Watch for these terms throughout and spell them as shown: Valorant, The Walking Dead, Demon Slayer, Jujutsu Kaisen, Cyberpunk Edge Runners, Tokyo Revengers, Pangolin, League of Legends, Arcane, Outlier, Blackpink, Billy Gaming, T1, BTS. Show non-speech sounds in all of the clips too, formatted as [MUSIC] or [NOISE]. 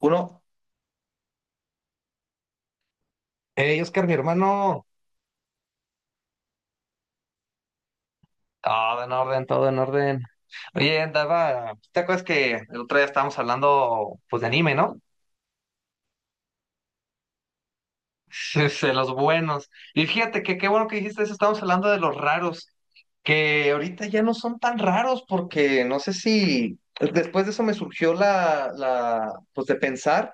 Uno. Hey, Oscar, mi hermano. Todo en orden, todo en orden. Oye, andaba. ¿Te acuerdas que el otro día estábamos hablando, pues, de anime, no? [LAUGHS] De los buenos. Y fíjate que qué bueno que dijiste eso. Estábamos hablando de los raros, que ahorita ya no son tan raros, porque no sé si después de eso me surgió pues, de pensar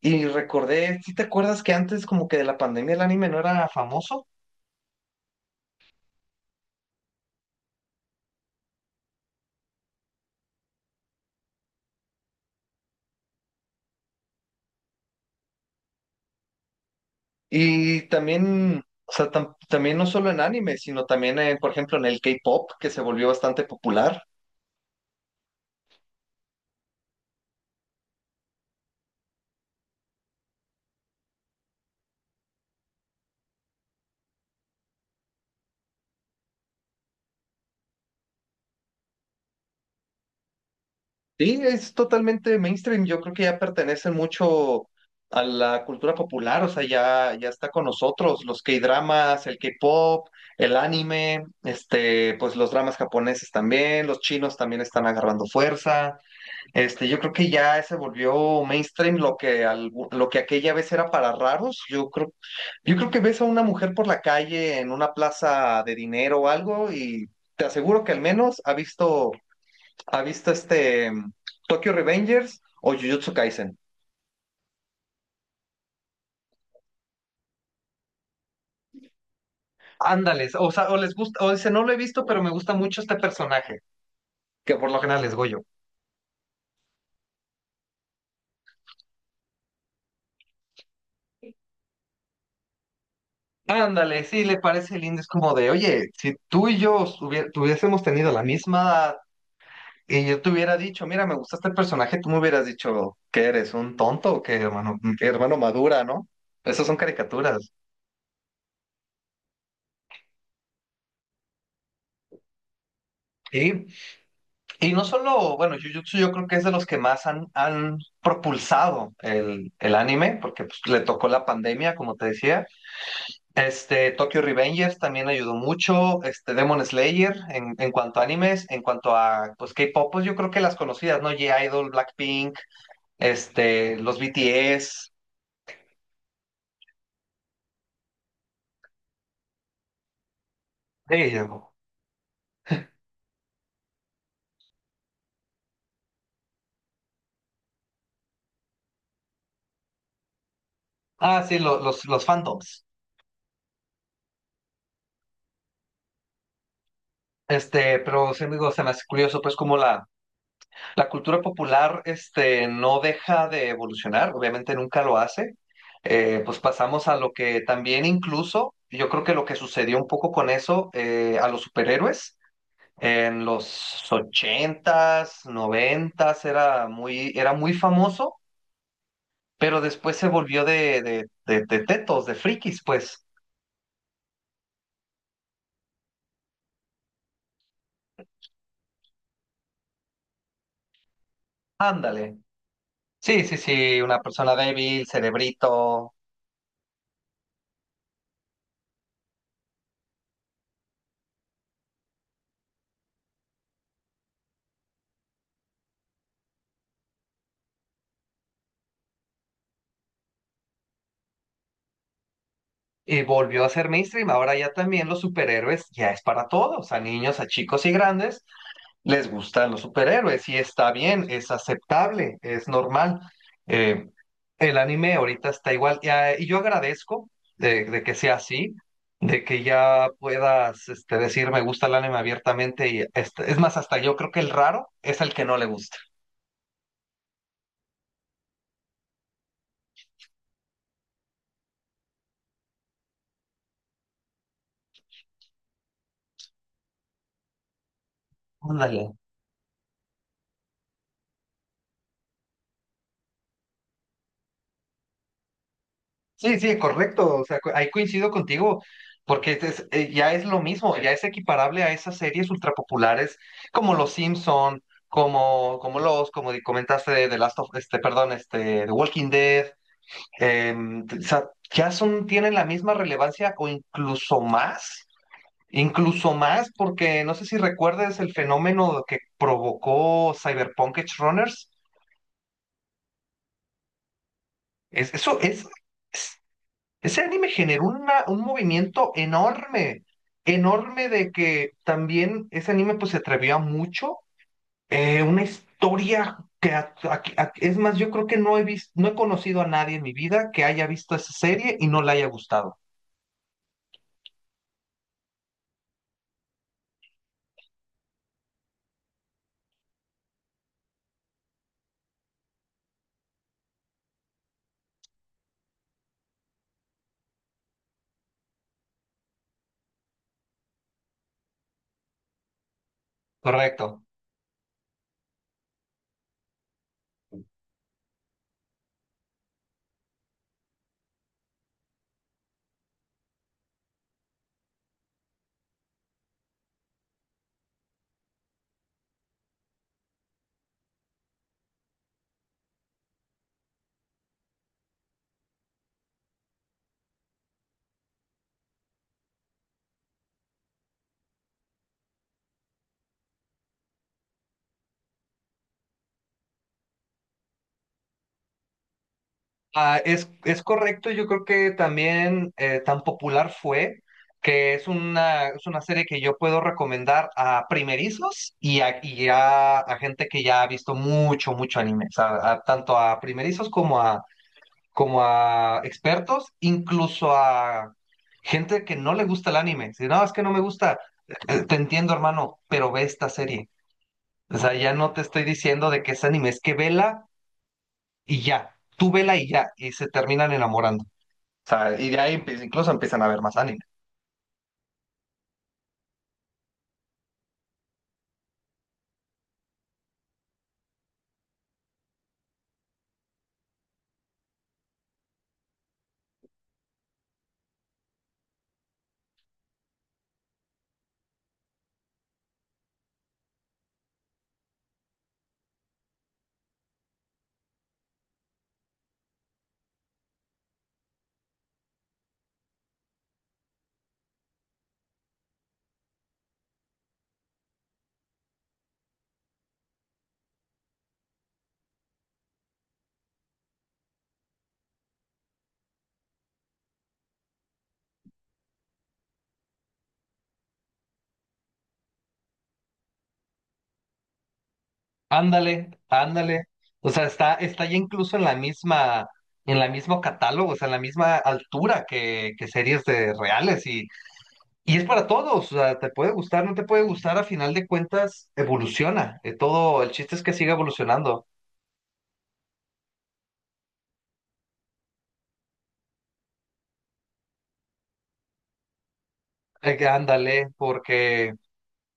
y recordé. ¿Sí te acuerdas que antes, como que de la pandemia, el anime no era famoso? Y también, o sea, también no solo en anime, sino también, por ejemplo, en el K-pop, que se volvió bastante popular. Sí, es totalmente mainstream. Yo creo que ya pertenecen mucho a la cultura popular, o sea, ya está con nosotros, los K-dramas, el K-pop, el anime, este, pues los dramas japoneses también, los chinos también están agarrando fuerza. Este, yo creo que ya se volvió mainstream lo que, lo que aquella vez era para raros. Yo creo que ves a una mujer por la calle en una plaza de dinero o algo y te aseguro que al menos ha visto, ha visto Tokyo Revengers o Jujutsu Kaisen. Ándales, o sea, o les gusta, o dice, no lo he visto, pero me gusta mucho este personaje, que por lo general es Goyo. Ándale, sí, le parece lindo, es como de, oye, si tú y yo tuviésemos tenido la misma edad. Y yo te hubiera dicho, mira, me gusta este personaje, tú me hubieras dicho, ¿qué eres? ¿Un tonto o qué, hermano? ¿Qué hermano madura, no? Esas son caricaturas. Y, y no solo, bueno, Jujutsu yo creo que es de los que más han propulsado el anime, porque pues, le tocó la pandemia, como te decía. Este, Tokyo Revengers también ayudó mucho, este, Demon Slayer en cuanto a animes, en cuanto a, pues, K-pop, pues yo creo que las conocidas, ¿no? G-Idol, Blackpink, este, los BTS. Sí. Ah, sí, los fandoms. Este, pero sí, digo, se me hace curioso, pues, como la cultura popular, este, no deja de evolucionar, obviamente nunca lo hace. Pues pasamos a lo que también incluso, yo creo que lo que sucedió un poco con eso, a los superhéroes, en los ochentas, noventas, era muy famoso, pero después se volvió de tetos, de frikis, pues, ándale. Sí, sí, sí, una persona débil, cerebrito. Volvió a ser mainstream. Ahora ya también los superhéroes ya es para todos, a niños, a chicos y grandes, les gustan los superhéroes y está bien, es aceptable, es normal. Eh, el anime ahorita está igual y, ah, y yo agradezco de que sea así, de que ya puedas este, decir me gusta el anime abiertamente y este, es más, hasta yo creo que el raro es el que no le gusta. Ándale. Sí, sí, correcto. O sea, ahí coincido contigo, porque ya es lo mismo, ya es equiparable a esas series ultrapopulares como Los Simpson, como los, comentaste de The Last of, este, perdón, este, The Walking Dead. O sea, ya son, tienen la misma relevancia o incluso más, porque no sé si recuerdas el fenómeno que provocó Cyberpunk Edge Runners. Es, eso es. Ese anime generó un movimiento enorme, enorme de que también ese anime pues se atrevió a mucho. Una historia que es más, yo creo que no he visto, no he conocido a nadie en mi vida que haya visto esa serie y no la haya gustado. Correcto. Ah, es correcto, yo creo que también tan popular fue que es una serie que yo puedo recomendar a primerizos y a gente que ya ha visto mucho, mucho anime, o sea, tanto a primerizos como a, como a expertos, incluso a gente que no le gusta el anime. Si no, es que no me gusta, te entiendo, hermano, pero ve esta serie. O sea, ya no te estoy diciendo de que es anime, es que vela y ya, tú vela y ya, y se terminan enamorando. O sea, y de ahí incluso empiezan a ver más anime. Ándale, ándale. O sea, está ya incluso en la misma, en la mismo catálogo, o sea, en la misma altura que series de reales y es para todos. O sea, te puede gustar, no te puede gustar, a final de cuentas evoluciona. Todo, el chiste es que siga evolucionando. Ándale, porque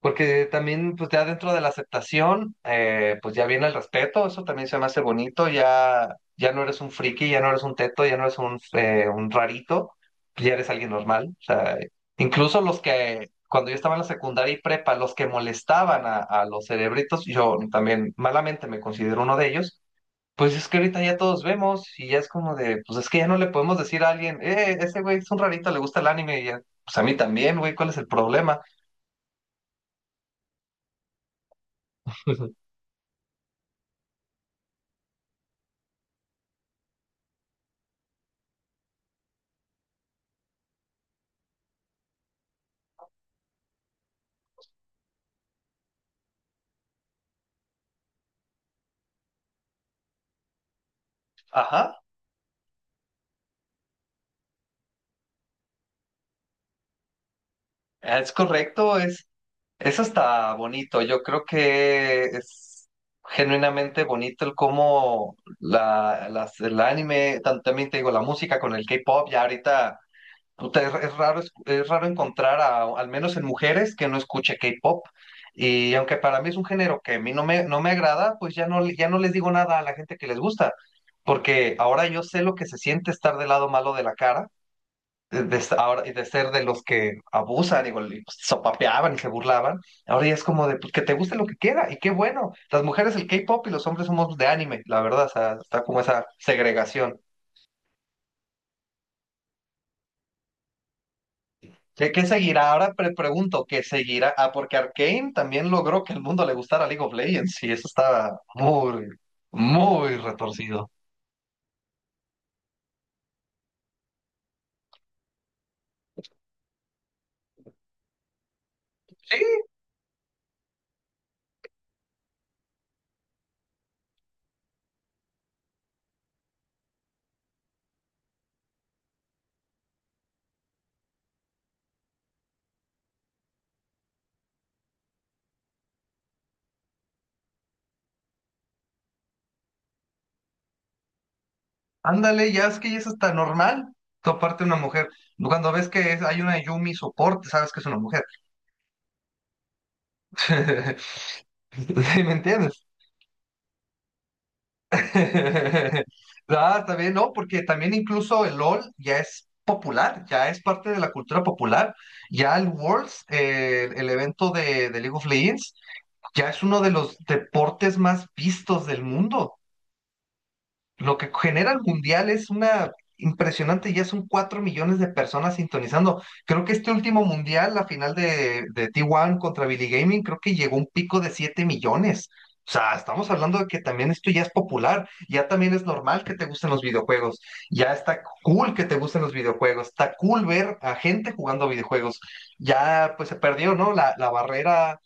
Porque también, pues ya dentro de la aceptación, pues ya viene el respeto, eso también se me hace bonito, ya no eres un friki, ya no eres un teto, ya no eres un rarito, pues, ya eres alguien normal. O sea, incluso los que, cuando yo estaba en la secundaria y prepa, los que molestaban a los cerebritos, yo también malamente me considero uno de ellos, pues es que ahorita ya todos vemos y ya es como de, pues es que ya no le podemos decir a alguien, ese güey es un rarito, le gusta el anime, y ya, pues a mí también, güey, ¿cuál es el problema? [LAUGHS] Ajá. Es correcto, es, eso está bonito. Yo creo que es genuinamente bonito el cómo la, las, el anime, también te digo, la música con el K-pop, ya ahorita puta, es raro, es raro encontrar a, al menos en mujeres que no escuche K-pop. Y aunque para mí es un género que a mí no me agrada, pues ya no les digo nada a la gente que les gusta, porque ahora yo sé lo que se siente estar del lado malo de la cara ahora, y de ser de los que abusan y pues, sopapeaban y se burlaban, ahora ya es como de pues, que te guste lo que quiera, y qué bueno. Las mujeres el K-pop y los hombres somos de anime, la verdad, o sea, está como esa segregación. ¿Qué seguirá? Ahora pregunto, ¿qué seguirá? Ah, porque Arcane también logró que el mundo le gustara League of Legends, y eso estaba muy, muy retorcido. Sí, ándale, ya es que eso está normal, toparte una mujer. Cuando ves que hay una Yumi soporte, sabes que es una mujer. [LAUGHS] [LAUGHS] ¿Me entiendes? [LAUGHS] Ah, está bien, no, porque también incluso el LOL ya es popular, ya es parte de la cultura popular. Ya el Worlds, el evento de League of Legends, ya es uno de los deportes más vistos del mundo. Lo que genera el mundial es una impresionante, ya son 4 millones de personas sintonizando. Creo que este último mundial, la final de T1 contra Billy Gaming, creo que llegó a un pico de 7 millones. O sea, estamos hablando de que también esto ya es popular, ya también es normal que te gusten los videojuegos, ya está cool que te gusten los videojuegos, está cool ver a gente jugando videojuegos. Ya pues se perdió, ¿no? La barrera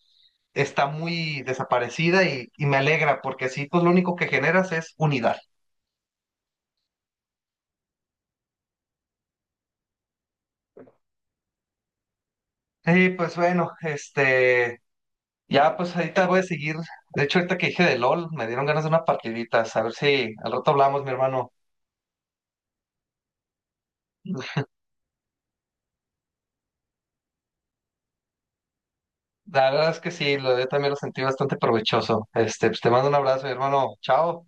está muy desaparecida y me alegra porque así pues lo único que generas es unidad. Sí, pues bueno, este, ya pues ahorita voy a seguir. De hecho, ahorita que dije de LOL, me dieron ganas de una partidita. A ver si al rato hablamos, mi hermano. La verdad es que sí, yo también lo sentí bastante provechoso. Este, pues te mando un abrazo, mi hermano. Chao.